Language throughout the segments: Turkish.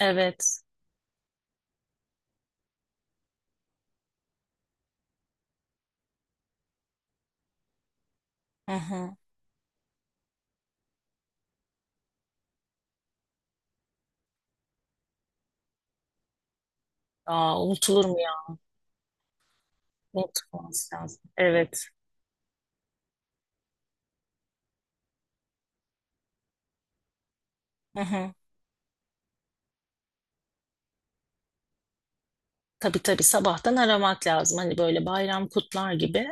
Evet. Hı hı. Aa, unutulur mu ya? Unutulmaz lazım. Evet. Hı hı. Tabii tabii sabahtan aramak lazım. Hani böyle bayram kutlar gibi.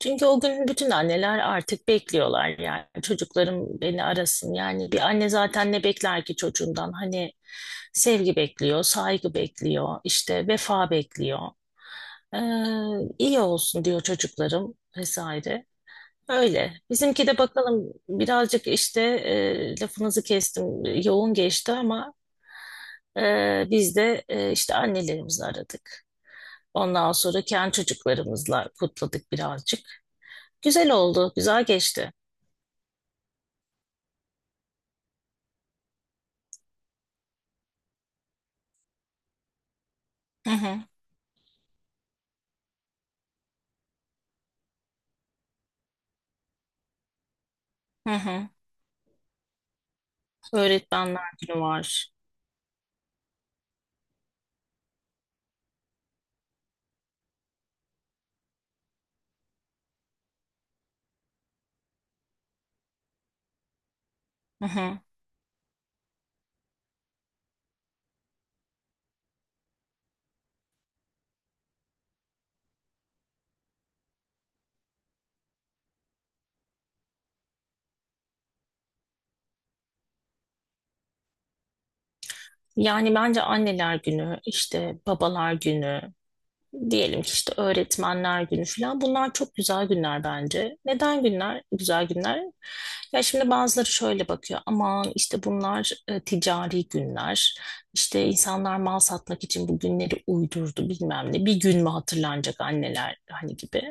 Çünkü o gün bütün anneler artık bekliyorlar yani. Çocuklarım beni arasın. Yani bir anne zaten ne bekler ki çocuğundan? Hani sevgi bekliyor, saygı bekliyor, işte vefa bekliyor. Ee, iyi olsun diyor çocuklarım vesaire. Öyle. Bizimki de bakalım birazcık işte lafınızı kestim, yoğun geçti, ama biz de işte annelerimizi aradık. Ondan sonra kendi çocuklarımızla kutladık birazcık. Güzel oldu, güzel geçti. Hı hı, hı hı. Öğretmenler günü var. Hı hı. Yani bence anneler günü, işte babalar günü. Diyelim ki işte öğretmenler günü falan. Bunlar çok güzel günler bence. Neden günler? Güzel günler. Ya şimdi bazıları şöyle bakıyor. Aman, işte bunlar ticari günler. İşte insanlar mal satmak için bu günleri uydurdu, bilmem ne. Bir gün mü hatırlanacak anneler hani gibi.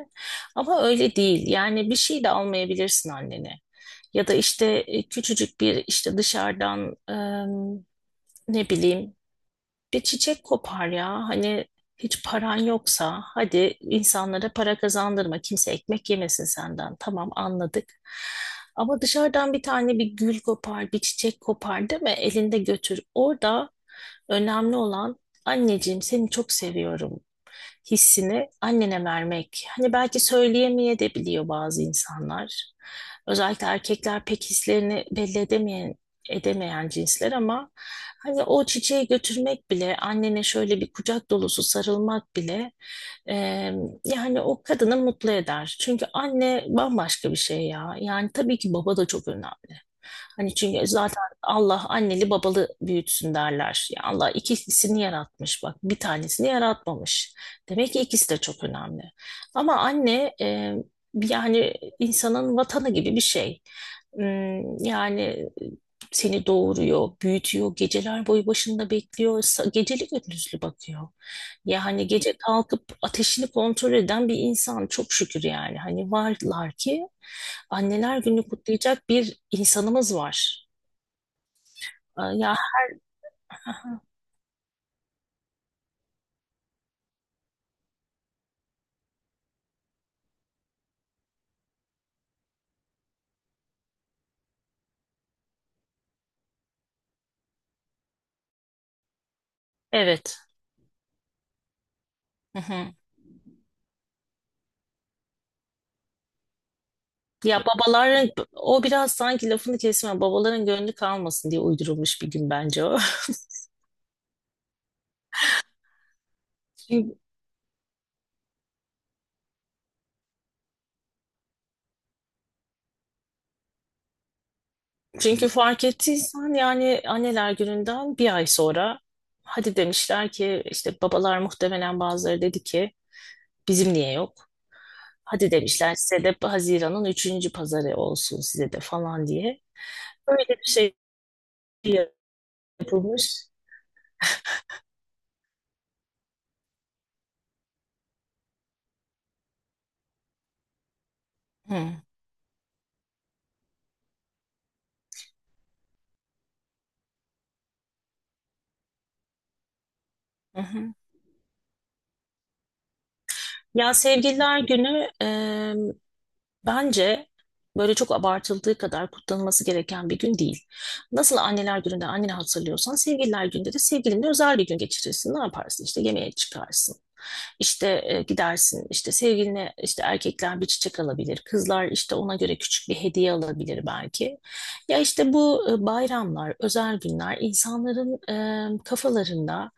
Ama öyle değil. Yani bir şey de almayabilirsin annene. Ya da işte küçücük bir işte, dışarıdan ne bileyim bir çiçek kopar ya. Hani hiç paran yoksa hadi, insanlara para kazandırma. Kimse ekmek yemesin senden. Tamam, anladık. Ama dışarıdan bir tane bir gül kopar, bir çiçek kopar, değil mi? Elinde götür. Orada önemli olan, anneciğim seni çok seviyorum hissini annene vermek. Hani belki söyleyemeye de biliyor bazı insanlar. Özellikle erkekler pek hislerini belli edemeyen cinsler, ama hani o çiçeği götürmek bile, annene şöyle bir kucak dolusu sarılmak bile e, yani o kadını mutlu eder. Çünkü anne bambaşka bir şey ya. Yani tabii ki baba da çok önemli. Hani çünkü zaten Allah anneli babalı büyütsün derler. Ya Allah ikilisini yaratmış bak, bir tanesini yaratmamış. Demek ki ikisi de çok önemli. Ama anne yani insanın vatanı gibi bir şey. Yani seni doğuruyor, büyütüyor, geceler boyu başında bekliyor, geceli gündüzlü bakıyor. Yani gece kalkıp ateşini kontrol eden bir insan, çok şükür yani. Hani varlar ki anneler günü kutlayacak bir insanımız var. Aa, ya evet. Ya babaların o biraz sanki, lafını kesme, babaların gönlü kalmasın diye uydurulmuş bir gün bence o. Çünkü, çünkü fark ettiysen yani anneler gününden bir ay sonra hadi demişler ki işte, babalar muhtemelen bazıları dedi ki bizim niye yok? Hadi demişler, size de Haziran'ın üçüncü pazarı olsun size de falan diye. Öyle bir şey yapılmış. Hı, hı hı. Ya sevgililer günü, bence böyle çok abartıldığı kadar kutlanılması gereken bir gün değil. Nasıl anneler gününde anneni hatırlıyorsan, sevgililer gününde de sevgilinle özel bir gün geçirirsin. Ne yaparsın? İşte yemeğe çıkarsın. İşte gidersin. İşte sevgiline, işte erkekler bir çiçek alabilir. Kızlar işte ona göre küçük bir hediye alabilir belki. Ya işte bu bayramlar, özel günler, insanların kafalarında,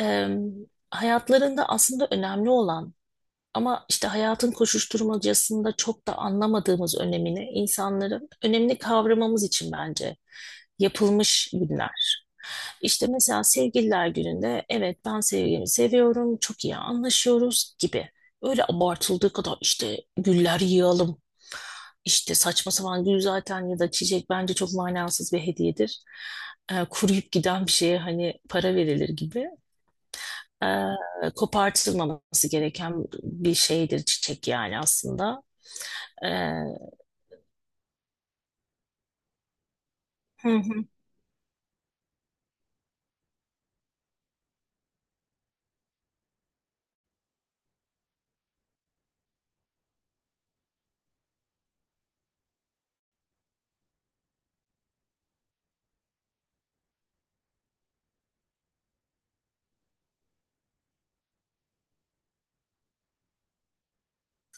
e, hayatlarında aslında önemli olan, ama işte hayatın koşuşturmacasında çok da anlamadığımız önemini, insanların önemini kavramamız için bence yapılmış günler. İşte mesela sevgililer gününde, evet, ben sevgilimi seviyorum, çok iyi anlaşıyoruz gibi. Öyle abartıldığı kadar işte güller yığalım, işte saçma sapan. Gül zaten ya da çiçek bence çok manasız bir hediyedir. Kuruyup giden bir şeye hani para verilir gibi, e, kopartılmaması gereken bir şeydir çiçek yani aslında. E, Hı hı.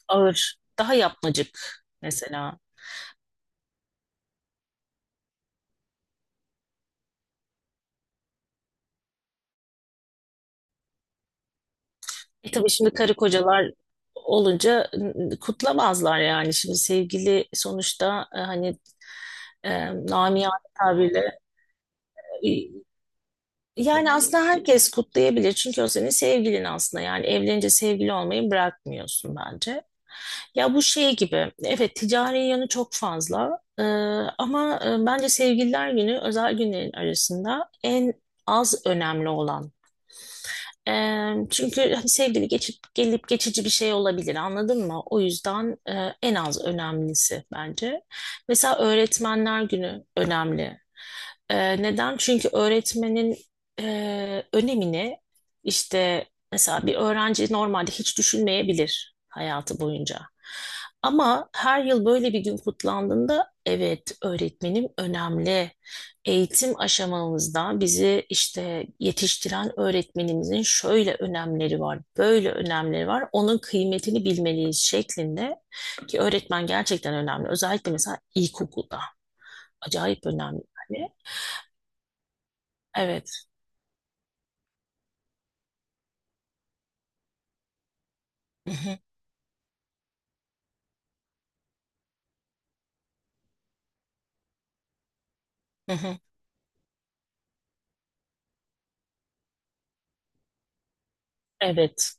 Ağır, daha yapmacık mesela. E tabii şimdi karı kocalar olunca kutlamazlar yani. Şimdi sevgili sonuçta hani namiyane tabirle e, yani aslında herkes kutlayabilir. Çünkü o senin sevgilin aslında. Yani evlenince sevgili olmayı bırakmıyorsun bence. Ya bu şey gibi, evet, ticari yanı çok fazla. Ama bence Sevgililer Günü özel günlerin arasında en az önemli olan, çünkü hani sevgili geçip gelip geçici bir şey olabilir, anladın mı? O yüzden en az önemlisi bence. Mesela Öğretmenler Günü önemli. Neden? Çünkü öğretmenin önemini, işte mesela bir öğrenci normalde hiç düşünmeyebilir hayatı boyunca. Ama her yıl böyle bir gün kutlandığında, evet, öğretmenim önemli. Eğitim aşamamızda bizi işte yetiştiren öğretmenimizin şöyle önemleri var, böyle önemleri var. Onun kıymetini bilmeliyiz şeklinde, ki öğretmen gerçekten önemli. Özellikle mesela ilkokulda acayip önemli yani. Evet. Hı hı, hı hı. Evet.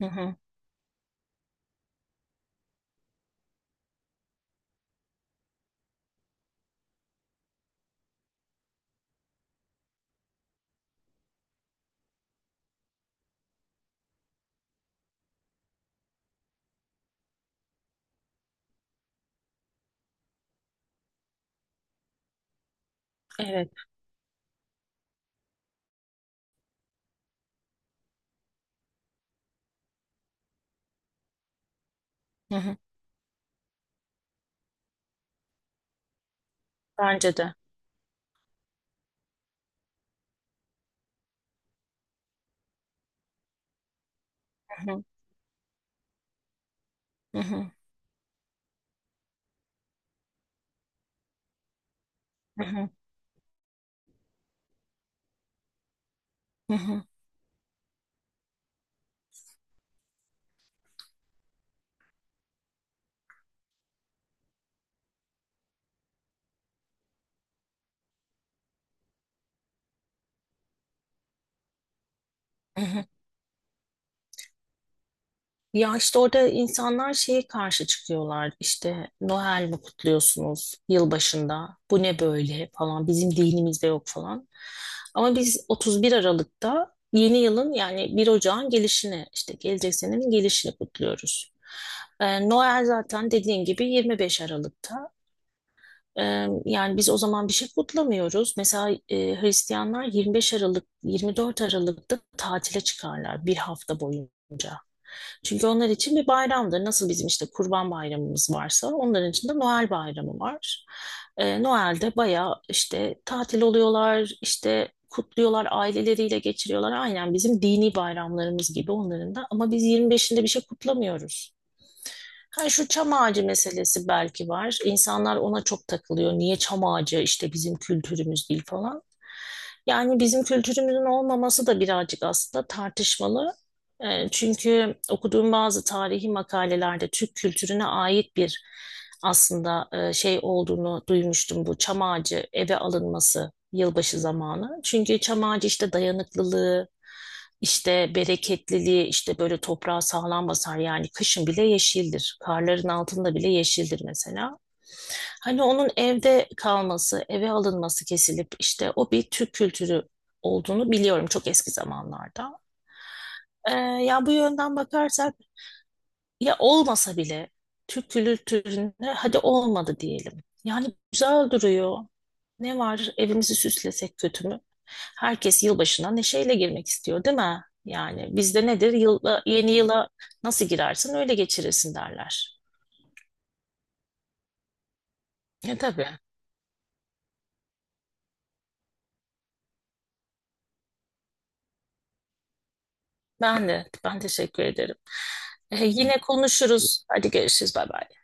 Hı hı, evet. Hı hı. Bence de. Hı hı, hı hı, hı hı, hı hı, hı hı. Ya işte orada insanlar şeye karşı çıkıyorlar, işte Noel mi kutluyorsunuz yılbaşında, bu ne böyle falan, bizim dinimizde yok falan. Ama biz 31 Aralık'ta yeni yılın, yani 1 Ocağın gelişini, işte gelecek senenin gelişini kutluyoruz. Noel zaten, dediğin gibi, 25 Aralık'ta. Yani biz o zaman bir şey kutlamıyoruz. Mesela Hristiyanlar 25 Aralık, 24 Aralık'ta tatile çıkarlar bir hafta boyunca. Çünkü onlar için bir bayramdır. Nasıl bizim işte Kurban Bayramımız varsa, onların için de Noel Bayramı var. Noel'de bayağı işte tatil oluyorlar, işte kutluyorlar, aileleriyle geçiriyorlar. Aynen bizim dini bayramlarımız gibi onların da. Ama biz 25'inde bir şey kutlamıyoruz. Ha, şu çam ağacı meselesi belki var. İnsanlar ona çok takılıyor. Niye çam ağacı, işte bizim kültürümüz değil falan. Yani bizim kültürümüzün olmaması da birazcık aslında tartışmalı. Çünkü okuduğum bazı tarihi makalelerde, Türk kültürüne ait bir aslında şey olduğunu duymuştum, bu çam ağacı eve alınması yılbaşı zamanı. Çünkü çam ağacı işte dayanıklılığı, işte bereketliliği, işte böyle toprağa sağlam basar yani, kışın bile yeşildir. Karların altında bile yeşildir mesela. Hani onun evde kalması, eve alınması, kesilip işte, o bir Türk kültürü olduğunu biliyorum çok eski zamanlarda. Ee, Ya bu yönden bakarsak, ya olmasa bile Türk kültüründe, hadi olmadı diyelim. Yani güzel duruyor. Ne var evimizi süslesek, kötü mü? Herkes yılbaşına neşeyle girmek istiyor değil mi? Yani bizde nedir? Yıla, yeni yıla nasıl girersin öyle geçirirsin derler. E tabii. Ben de, ben teşekkür ederim. Yine konuşuruz. Hadi görüşürüz. Bay bay.